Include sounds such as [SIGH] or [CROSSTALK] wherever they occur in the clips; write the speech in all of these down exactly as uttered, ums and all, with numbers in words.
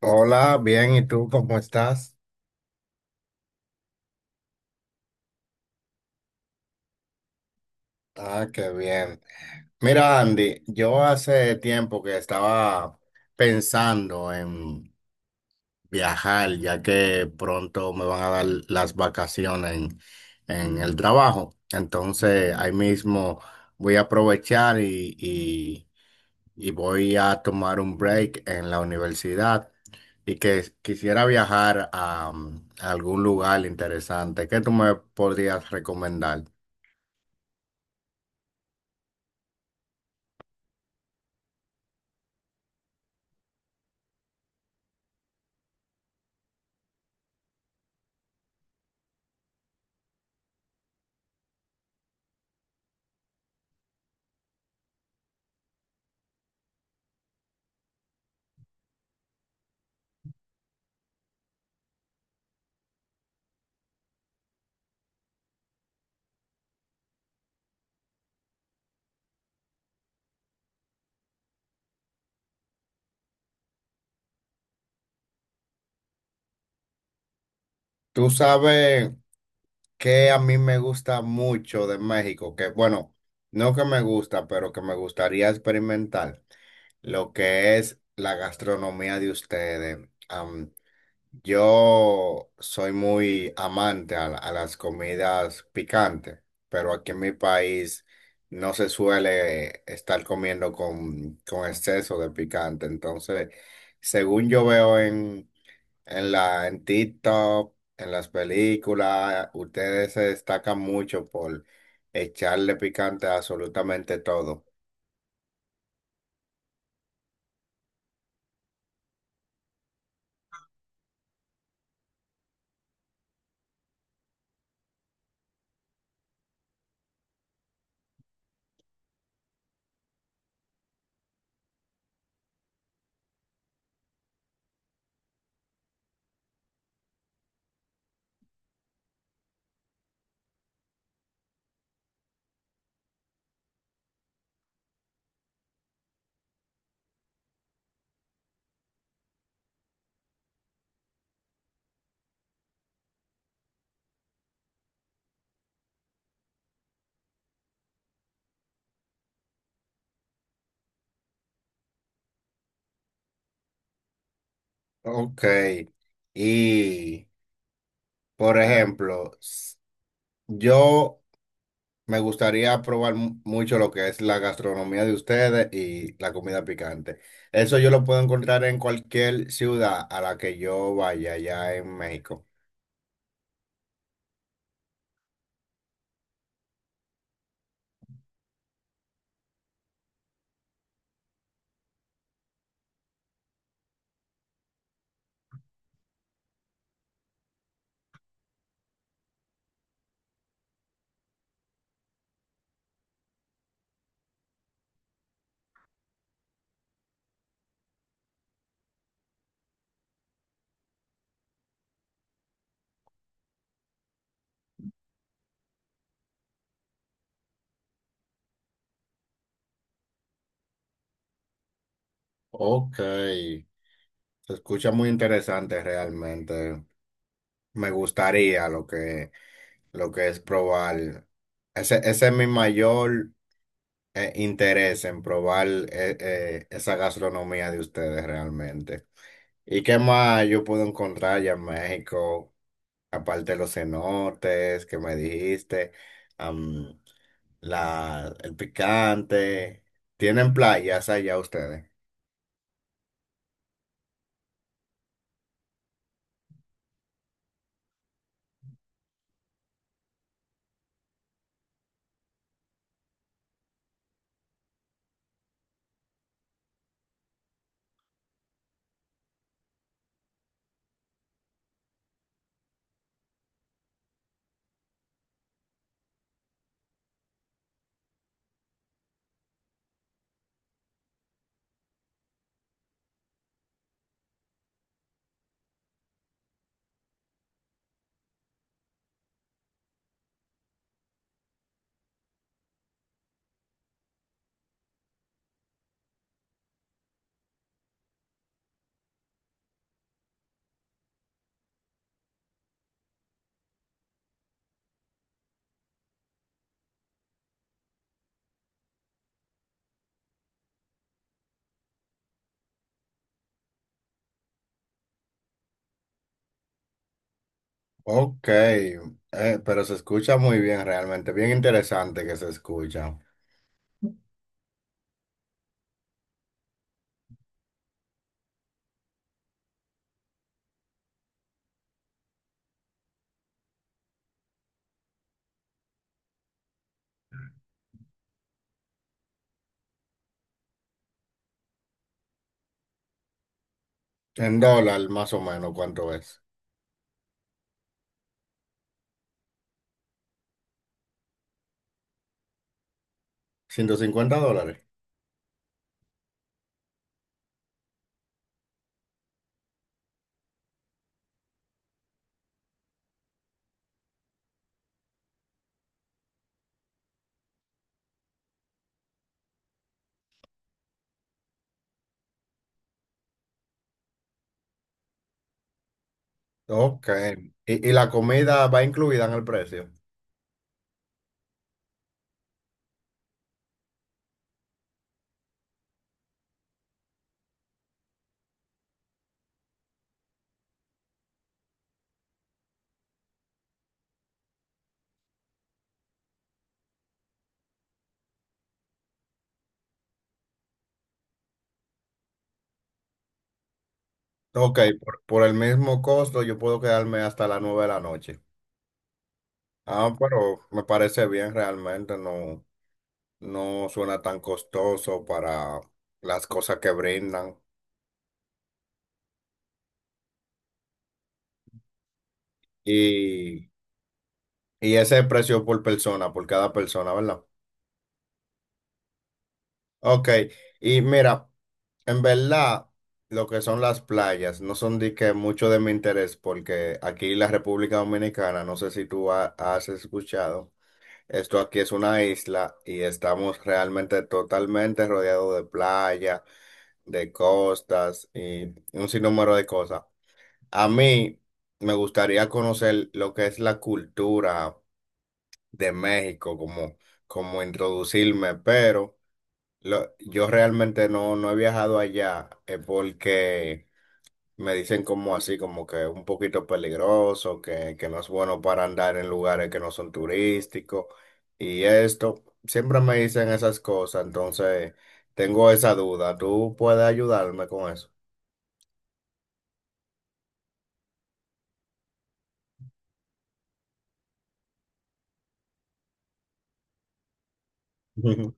Hola, bien, ¿y tú cómo estás? Ah, qué bien. Mira, Andy, yo hace tiempo que estaba pensando en viajar, ya que pronto me van a dar las vacaciones en, en el trabajo. Entonces, ahí mismo voy a aprovechar y, y, y voy a tomar un break en la universidad y que quisiera viajar a, mm, a algún lugar interesante. ¿Qué tú me podrías recomendar? Tú sabes que a mí me gusta mucho de México, que bueno, no que me gusta, pero que me gustaría experimentar lo que es la gastronomía de ustedes. Am, yo soy muy amante a, la- a las comidas picantes, pero aquí en mi país no se suele estar comiendo con, con exceso de picante. Entonces, según yo veo en la, en TikTok, en las películas, ustedes se destacan mucho por echarle picante a absolutamente todo. Ok. Y, por ejemplo, s- yo me gustaría probar mu- mucho lo que es la gastronomía de ustedes y la comida picante. Eso yo lo puedo encontrar en cualquier ciudad a la que yo vaya allá en México. Ok. Se escucha muy interesante realmente. Me gustaría lo que, lo que es probar. Ese, ese es mi mayor eh, interés en probar eh, eh, esa gastronomía de ustedes realmente. ¿Y qué más yo puedo encontrar allá en México? Aparte de los cenotes que me dijiste, am, la, el picante. ¿Tienen playas allá ustedes? Ok, eh, pero se escucha muy bien realmente, bien interesante que se escucha. En dólar, más o menos, ¿cuánto es? Ciento cincuenta dólares. Ok. ¿Y, y la comida va incluida en el precio? Ok, por, por el mismo costo yo puedo quedarme hasta las nueve de la noche. Ah, pero me parece bien realmente, no, no suena tan costoso para las cosas que brindan. Y, y ese precio por persona, por cada persona, ¿verdad? Ok, y mira. En verdad, lo que son las playas no son de que mucho de mi interés, porque aquí en la República Dominicana, no sé si tú ha- has escuchado, esto aquí es una isla y estamos realmente totalmente rodeados de playa, de costas y un sinnúmero de cosas. A mí me gustaría conocer lo que es la cultura de México, como, como introducirme, pero lo- yo realmente no, no he viajado allá eh, porque me dicen como así, como que un poquito peligroso, que, que no es bueno para andar en lugares que no son turísticos y esto. Siempre me dicen esas cosas, entonces tengo esa duda. ¿Tú puedes ayudarme con eso? [LAUGHS] Ujú.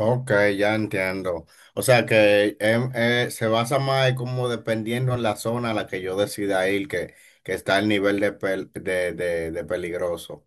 Ok, ya entiendo. O sea que em, eh, se basa más como dependiendo en la zona a la que yo decida ir, que, que está el nivel de, pel- de, de de peligroso.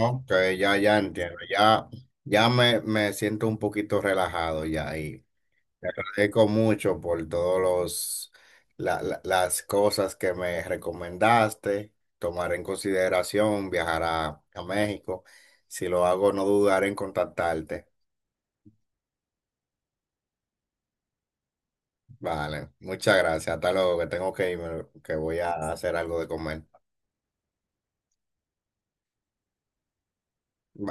Ok, ya, ya entiendo, ya, ya me, me siento un poquito relajado ya y te agradezco mucho por todos los, la- la- las cosas que me recomendaste, tomar en consideración viajar a, a México. Si lo hago, no dudaré en contactarte. Vale, muchas gracias, hasta luego, que tengo que irme, que voy a hacer algo de comer.